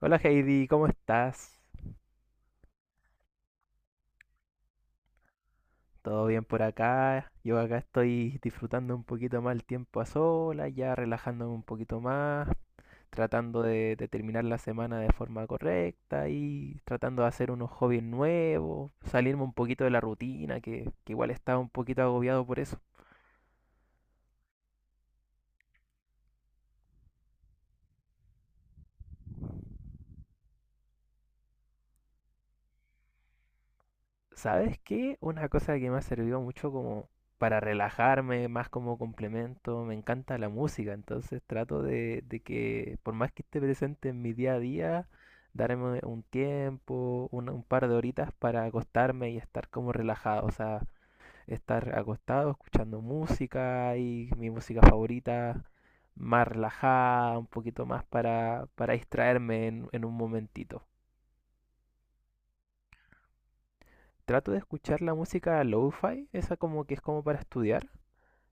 Hola Heidi, ¿cómo estás? ¿Todo bien por acá? Yo acá estoy disfrutando un poquito más el tiempo a solas, ya relajándome un poquito más, tratando de terminar la semana de forma correcta y tratando de hacer unos hobbies nuevos, salirme un poquito de la rutina, que igual estaba un poquito agobiado por eso. ¿Sabes qué? Una cosa que me ha servido mucho como para relajarme, más como complemento, me encanta la música, entonces trato de que por más que esté presente en mi día a día, darme un tiempo, un par de horitas para acostarme y estar como relajado, o sea, estar acostado escuchando música y mi música favorita más relajada, un poquito más para distraerme en un momentito. Trato de escuchar la música lo-fi, esa como que es como para estudiar.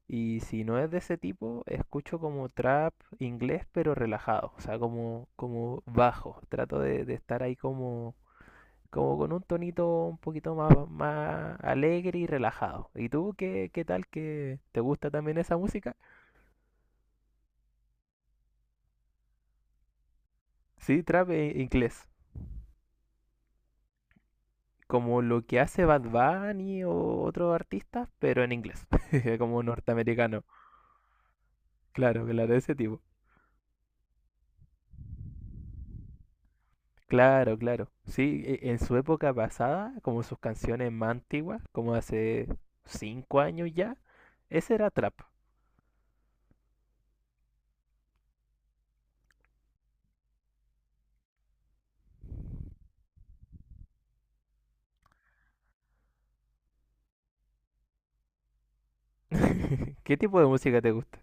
Y si no es de ese tipo, escucho como trap inglés, pero relajado, o sea, como bajo. Trato de estar ahí como, como con un tonito un poquito más, más alegre y relajado. ¿Y tú qué, qué tal que te gusta también esa música? Sí, inglés, como lo que hace Bad Bunny o otros artistas, pero en inglés, como norteamericano. Claro, claro, de ese tipo. Claro, claro. Sí, en su época pasada, como sus canciones más antiguas, como hace 5 años ya, ese era trap. ¿Qué tipo de música te gusta?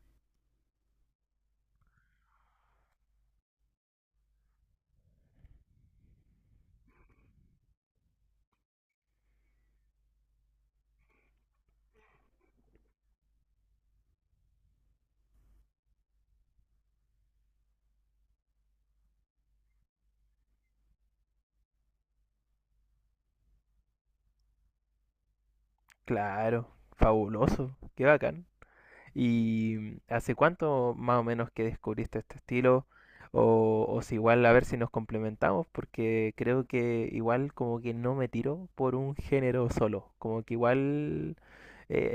Claro, fabuloso, qué bacán. ¿Y hace cuánto más o menos que descubriste este estilo? O si igual a ver si nos complementamos, porque creo que igual como que no me tiro por un género solo, como que igual eh,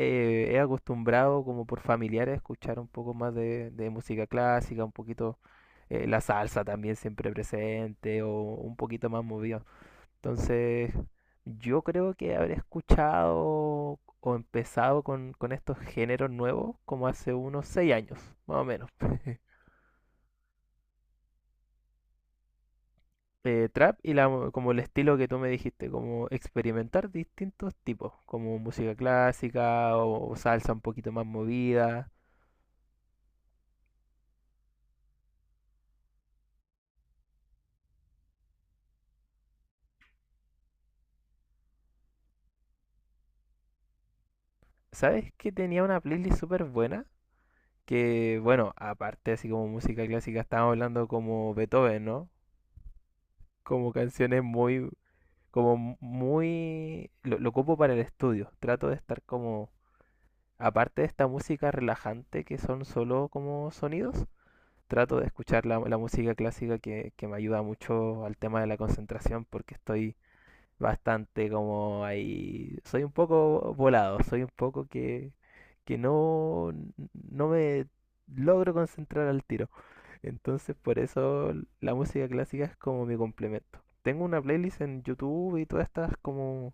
eh, he acostumbrado como por familiares a escuchar un poco más de música clásica, un poquito la salsa también siempre presente o un poquito más movido. Entonces, yo creo que habré escuchado o empezado con estos géneros nuevos como hace unos 6 años, más o menos. Eh, trap y la, como el estilo que tú me dijiste, como experimentar distintos tipos, como música clásica o salsa un poquito más movida. ¿Sabes que tenía una playlist súper buena? Que bueno, aparte así como música clásica, estábamos hablando como Beethoven, ¿no? Como canciones muy, como muy... Lo ocupo para el estudio. Trato de estar como... Aparte de esta música relajante que son solo como sonidos, trato de escuchar la, la música clásica que me ayuda mucho al tema de la concentración porque estoy bastante como ahí... Soy un poco volado, soy un poco que no me logro concentrar al tiro. Entonces por eso la música clásica es como mi complemento. Tengo una playlist en YouTube y todas estas como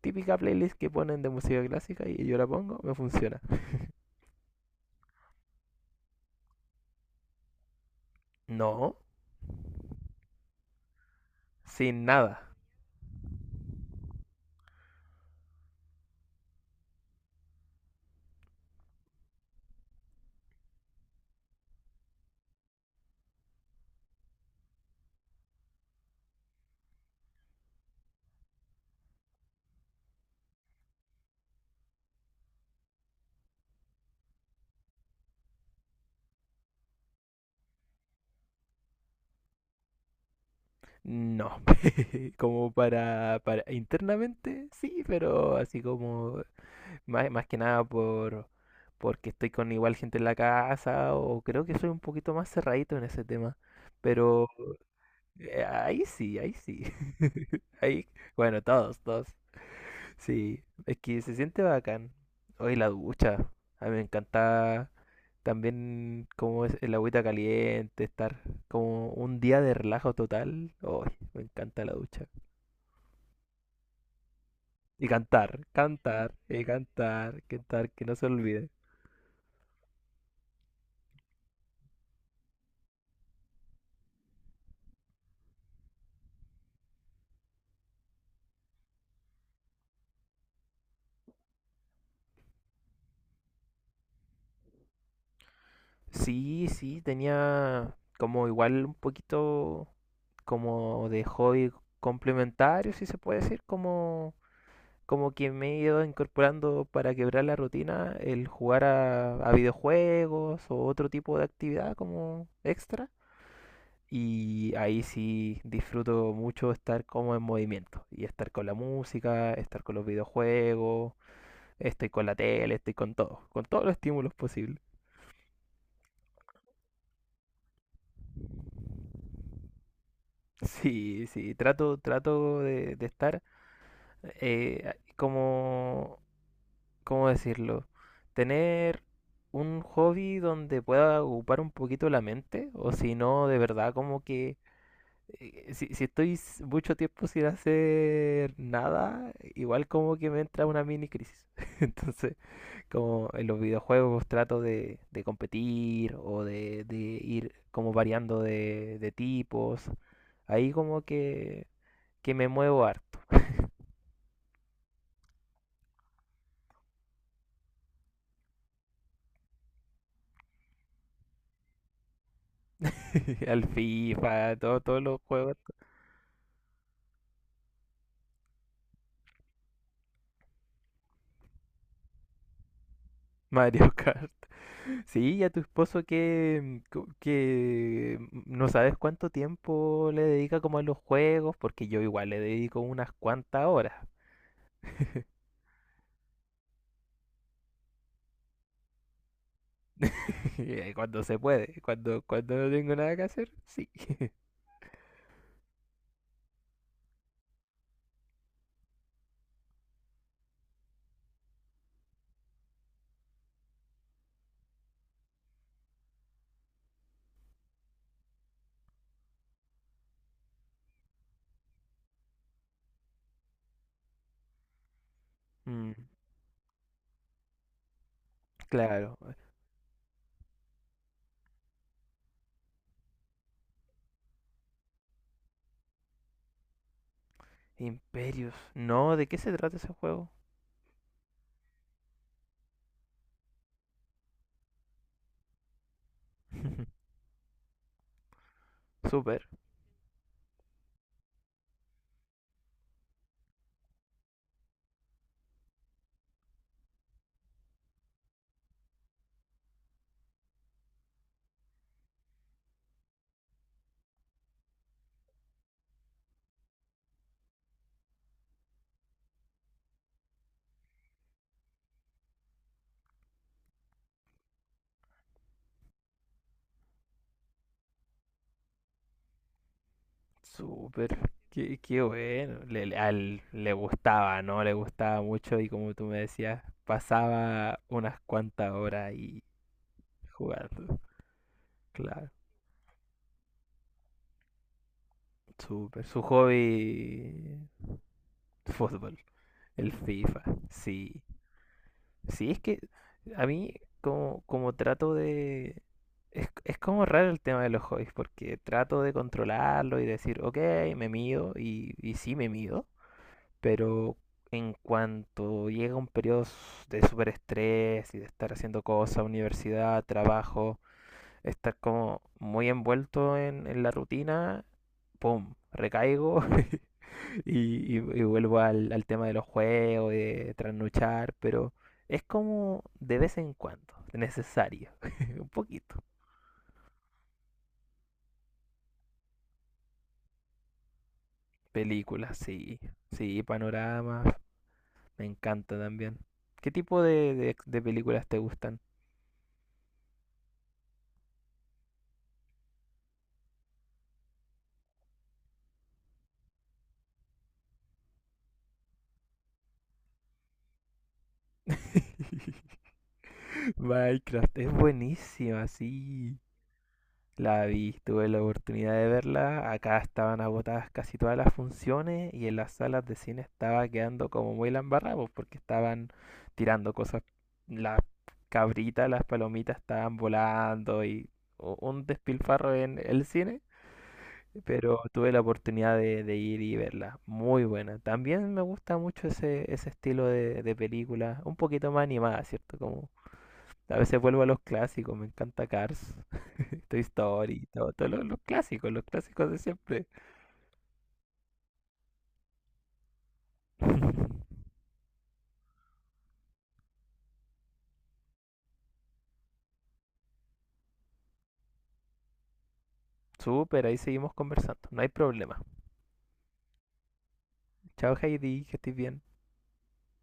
típica playlist que ponen de música clásica y yo la pongo, me funciona. No, sin nada. No, como para internamente sí, pero así como más, más que nada por porque estoy con igual gente en la casa o creo que soy un poquito más cerradito en ese tema. Pero ahí sí, ahí sí. Ahí, bueno, todos, todos. Sí, es que se siente bacán. Hoy la ducha. A mí me encanta también como es el agüita caliente, estar como un día de relajo total. Oh, me encanta la ducha. Y cantar, cantar, que no se olvide. Sí, sí, tenía como igual un poquito como de hobby complementario, si se puede decir, como, como que me he ido incorporando para quebrar la rutina el jugar a videojuegos o otro tipo de actividad como extra. Y ahí sí disfruto mucho estar como en movimiento y estar con la música, estar con los videojuegos, estoy con la tele, estoy con todo, con todos los estímulos posibles. Sí, sí, trato de estar, como, ¿cómo decirlo? Tener un hobby donde pueda ocupar un poquito la mente, o si no, de verdad como que si, si estoy mucho tiempo sin hacer nada, igual como que me entra una mini crisis. Entonces, como en los videojuegos trato de competir o de ir como variando de tipos, ahí como que me muevo harto. Al FIFA, todo, todos los juegos, Mario Kart. Sí, y a tu esposo que, que no sabes cuánto tiempo le dedica como a los juegos, porque yo igual le dedico unas cuantas horas, cuando se puede, cuando no tengo nada que hacer, sí. Mm, claro, Imperios, no, ¿de qué se trata ese juego? Súper, súper, qué bueno, le gustaba, ¿no? Le gustaba mucho y como tú me decías, pasaba unas cuantas horas ahí jugando, claro. Súper. Su hobby, fútbol, el FIFA. Sí. Sí, es que a mí como, como trato de... es como raro el tema de los hobbies, porque trato de controlarlo y decir, ok, me mido, y sí me mido, pero en cuanto llega un periodo de súper estrés y de estar haciendo cosas, universidad, trabajo, estar como muy envuelto en la rutina, ¡pum! Recaigo. Y vuelvo al, al tema de los juegos, y de trasnochar, pero es como de vez en cuando, necesario, un poquito. Películas, sí, sí, panoramas, me encanta también. ¿Qué tipo de películas te gustan? Minecraft, es buenísima, sí. La vi, tuve la oportunidad de verla. Acá estaban agotadas casi todas las funciones y en las salas de cine estaba quedando como muy la embarrada, pues, porque estaban tirando cosas. Las cabritas, las palomitas estaban volando y un despilfarro en el cine. Pero tuve la oportunidad de ir y verla. Muy buena. También me gusta mucho ese, ese estilo de película, un poquito más animada, ¿cierto? Como a veces vuelvo a los clásicos, me encanta Cars, Toy Story, todo, los clásicos de siempre. Súper, ahí seguimos conversando, no hay problema. Chao Heidi, que estés bien.